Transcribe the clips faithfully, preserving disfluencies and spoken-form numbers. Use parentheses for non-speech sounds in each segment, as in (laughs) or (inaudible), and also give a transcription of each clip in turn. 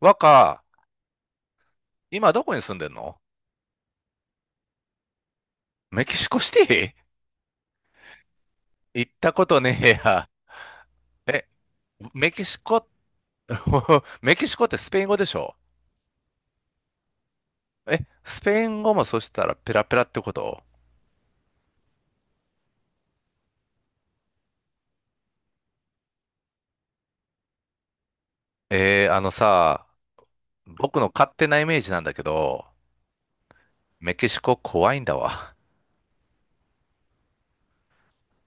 若、今どこに住んでんの？メキシコシティ行ったことねえや。え、メキシコ、(laughs) メキシコってスペイン語でしょ？え、スペイン語もそしたらペラペラってこと？えー、あのさ、僕の勝手なイメージなんだけど、メキシコ怖いんだわ。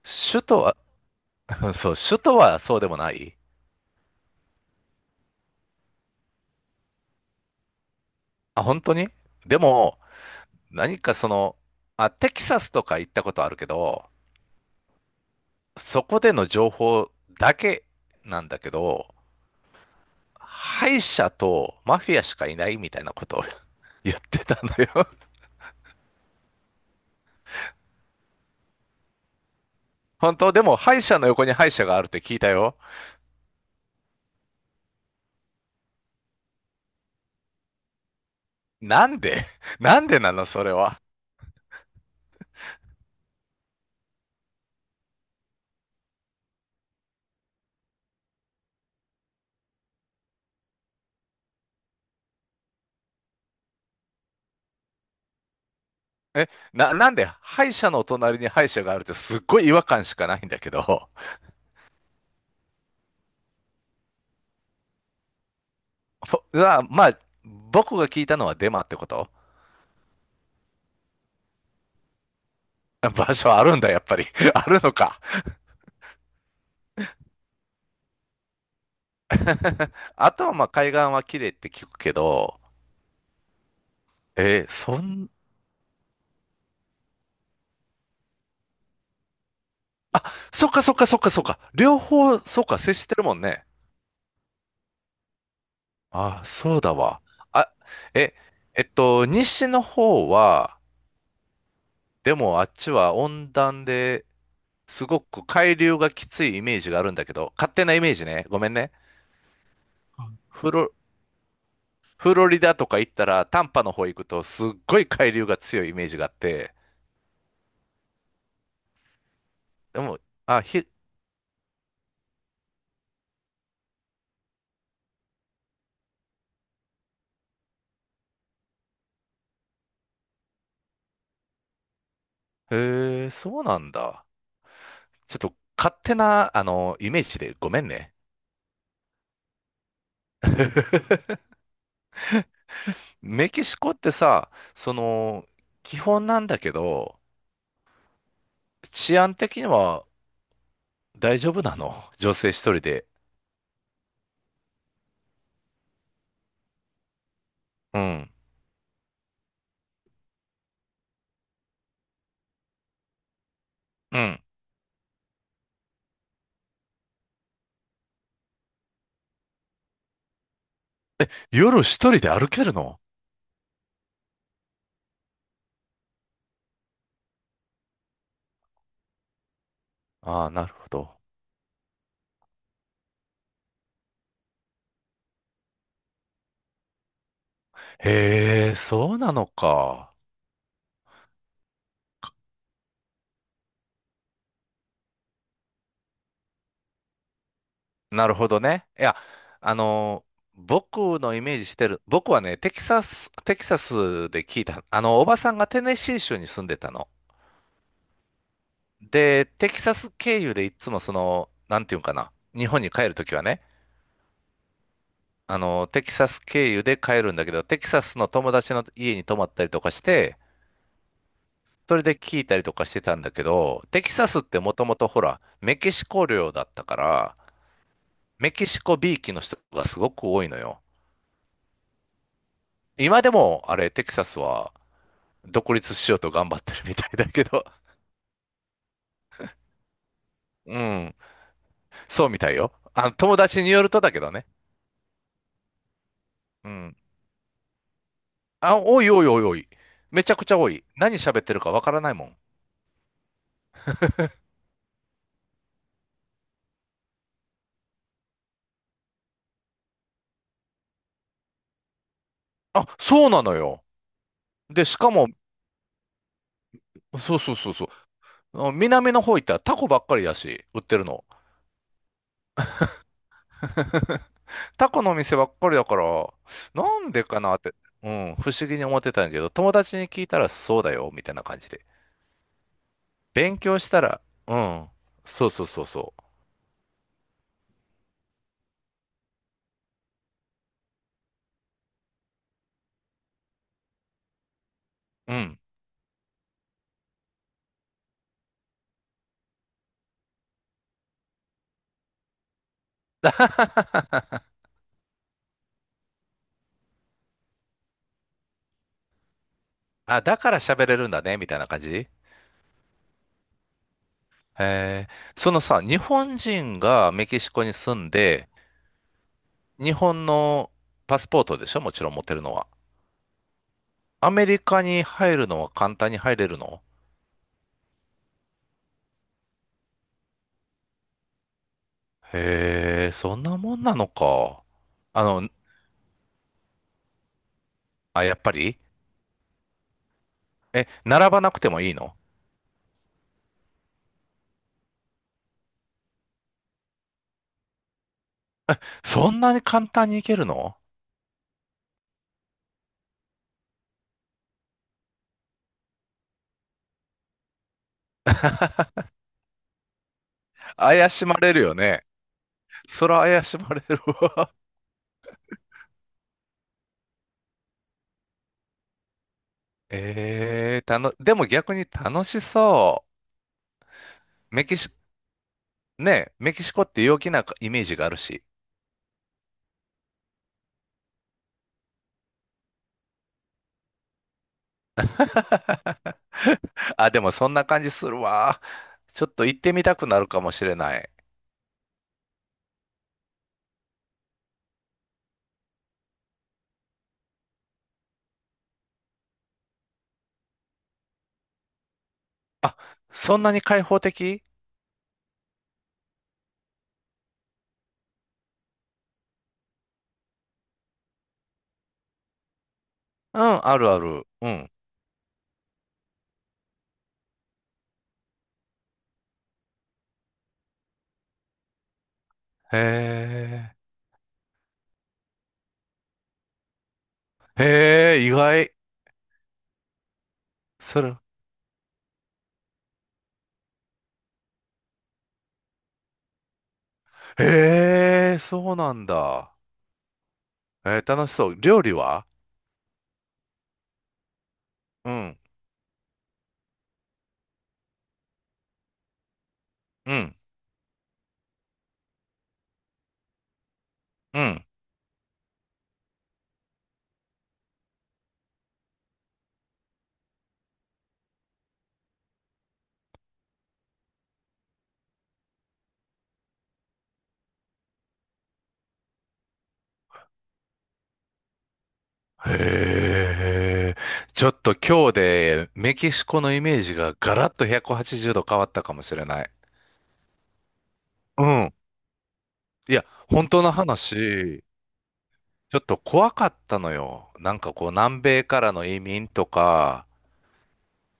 首都は、(laughs) そう、首都はそうでもない。あ、本当に？でも、何かその、あ、テキサスとか行ったことあるけど、そこでの情報だけなんだけど、敗者とマフィアしかいないみたいなことを (laughs) 言ってたのよ。本当？でも敗者の横に敗者があるって聞いたよ。なんでなんでなのそれは。え、な、なんで敗者のお隣に敗者があるってすっごい違和感しかないんだけど。(laughs) ほまあ、まあ、僕が聞いたのはデマってこと？場所あるんだ、やっぱり。(laughs) あるのか。あとはまあ海岸は綺麗って聞くけど、えーそん、そっかそっかそっかそっか。両方、そっか、接してるもんね。あ、そうだわ。あ、え、えっと、西の方は、でもあっちは温暖ですごく海流がきついイメージがあるんだけど、勝手なイメージね。ごめんね。フロ、フロリダとか行ったら、タンパの方行くとすっごい海流が強いイメージがあって、でも、あ、ひ、へえ、そうなんだ。ちょっと勝手な、あの、イメージでごめんね。(laughs) メキシコってさ、その、基本なんだけど、治安的には大丈夫なの女性一人で？うん。うん。夜一人で歩けるの？ああ、なるほど。へえ、そうなのか。なるほどね。いや、あの僕のイメージしてる、僕はね、テキサス、テキサスで聞いた、あの、おばさんがテネシー州に住んでたの。で、テキサス経由でいつもその、なんていうんかな、日本に帰るときはね、あの、テキサス経由で帰るんだけど、テキサスの友達の家に泊まったりとかして、それで聞いたりとかしてたんだけど、テキサスってもともとほら、メキシコ領だったから、メキシコびいきの人がすごく多いのよ。今でも、あれ、テキサスは独立しようと頑張ってるみたいだけど、(laughs) うん、そうみたいよ。あの、友達によるとだけどね。うん。あ、おいおいおいおい。めちゃくちゃ多い。何喋ってるかわからないもん。あ、そうなのよ。で、しかも、そうそうそうそう。あの南の方行ったらタコばっかりだし、売ってるの。タコのお店ばっかりだから、なんでかなって、うん、不思議に思ってたんだけど、友達に聞いたらそうだよ、みたいな感じで。勉強したら、うん、そうそうそうそう、うん。(laughs) あ、だから喋れるんだね、みたいな感じ。えー、そのさ、日本人がメキシコに住んで、日本のパスポートでしょもちろん持ってるのは。アメリカに入るのは簡単に入れるの？へえ、そんなもんなのか。あの、あ、やっぱり。え、並ばなくてもいいの？そんなに簡単に行けるの？怪しまれるよね。そら怪しまれるわ。(laughs) えー、たの、でも逆に楽しそう。メキシ、ね、メキシコって陽気なイメージがあるし。(laughs) あ、でもそんな感じするわ。ちょっと行ってみたくなるかもしれない。あ、そんなに開放的？うん、あるある。うん。へえ。へえ、意外。それ、へえ、そうなんだ。えー楽しそう。料理は？うん、うん、うん。へえ。ちょっと今日でメキシコのイメージがガラッとひゃくはちじゅうど変わったかもしれない。うん。いや、本当の話、ちょっと怖かったのよ。なんかこう、南米からの移民とか、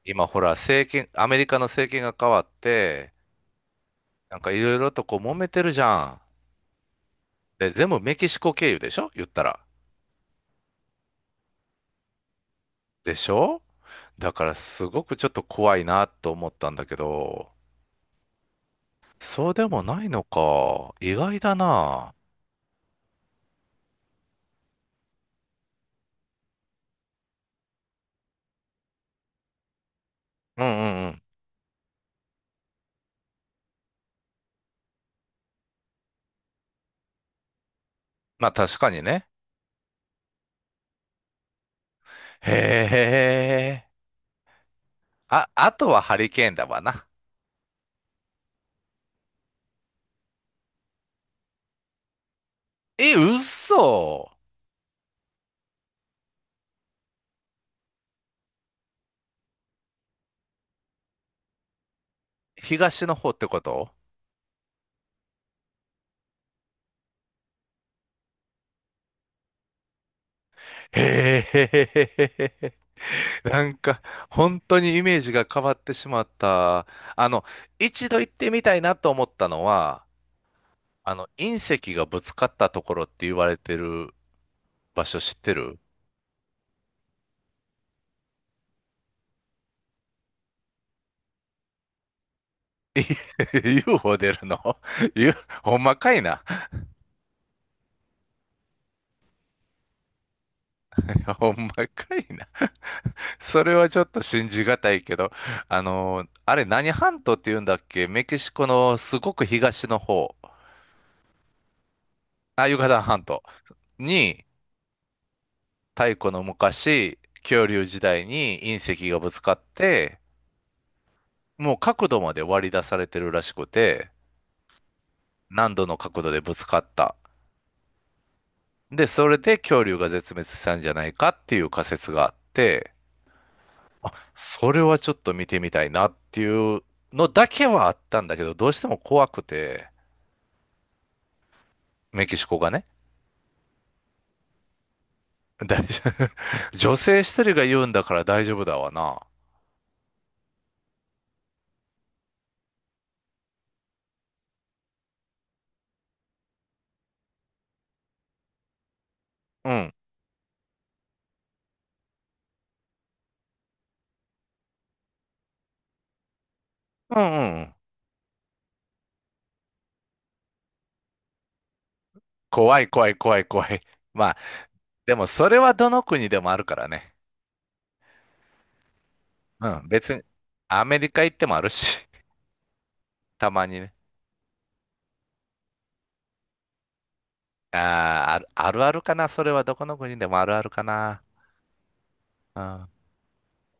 今ほら、政権、アメリカの政権が変わって、なんかいろいろとこう揉めてるじゃん。で、全部メキシコ経由でしょ言ったら。でしょ？だからすごくちょっと怖いなと思ったんだけど、そうでもないのか。意外だな。うんうんうん。まあ確かにね。へえ。あ、あとはハリケーンだわな。え、嘘。東の方ってこと？へえ。なんか本当にイメージが変わってしまった。あの、一度行ってみたいなと思ったのは、あの隕石がぶつかったところって言われてる場所知ってる？ (laughs) ユーフォー 出るの？ゆほんまかいな。(laughs) ほんまかいな。それはちょっと信じがたいけど、あのー、あれ何半島って言うんだっけメキシコのすごく東の方、あ、ユカタン半島に太古の昔、恐竜時代に隕石がぶつかって、もう角度まで割り出されてるらしくて、何度の角度でぶつかった。で、それで恐竜が絶滅したんじゃないかっていう仮説があって、それはちょっと見てみたいなっていうのだけはあったんだけど、どうしても怖くて、メキシコがね。大丈夫。(laughs) 女性一人が言うんだから大丈夫だわな。うん。うんうんうん。怖い怖い怖い怖い。まあ、でもそれはどの国でもあるからね。うん。別に、アメリカ行ってもあるし、たまにね。あーある、あるあるかな。それはどこの国でもあるあるかな。うん。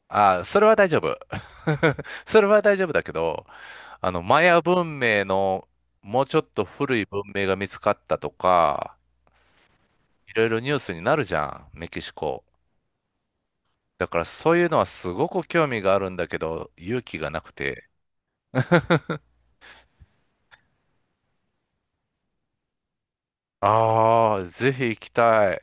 ああ、それは大丈夫。(laughs) それは大丈夫だけど、あの、マヤ文明のもうちょっと古い文明が見つかったとか、いろいろニュースになるじゃん、メキシコ。だからそういうのはすごく興味があるんだけど、勇気がなくて。ああ、ぜひ行きたい。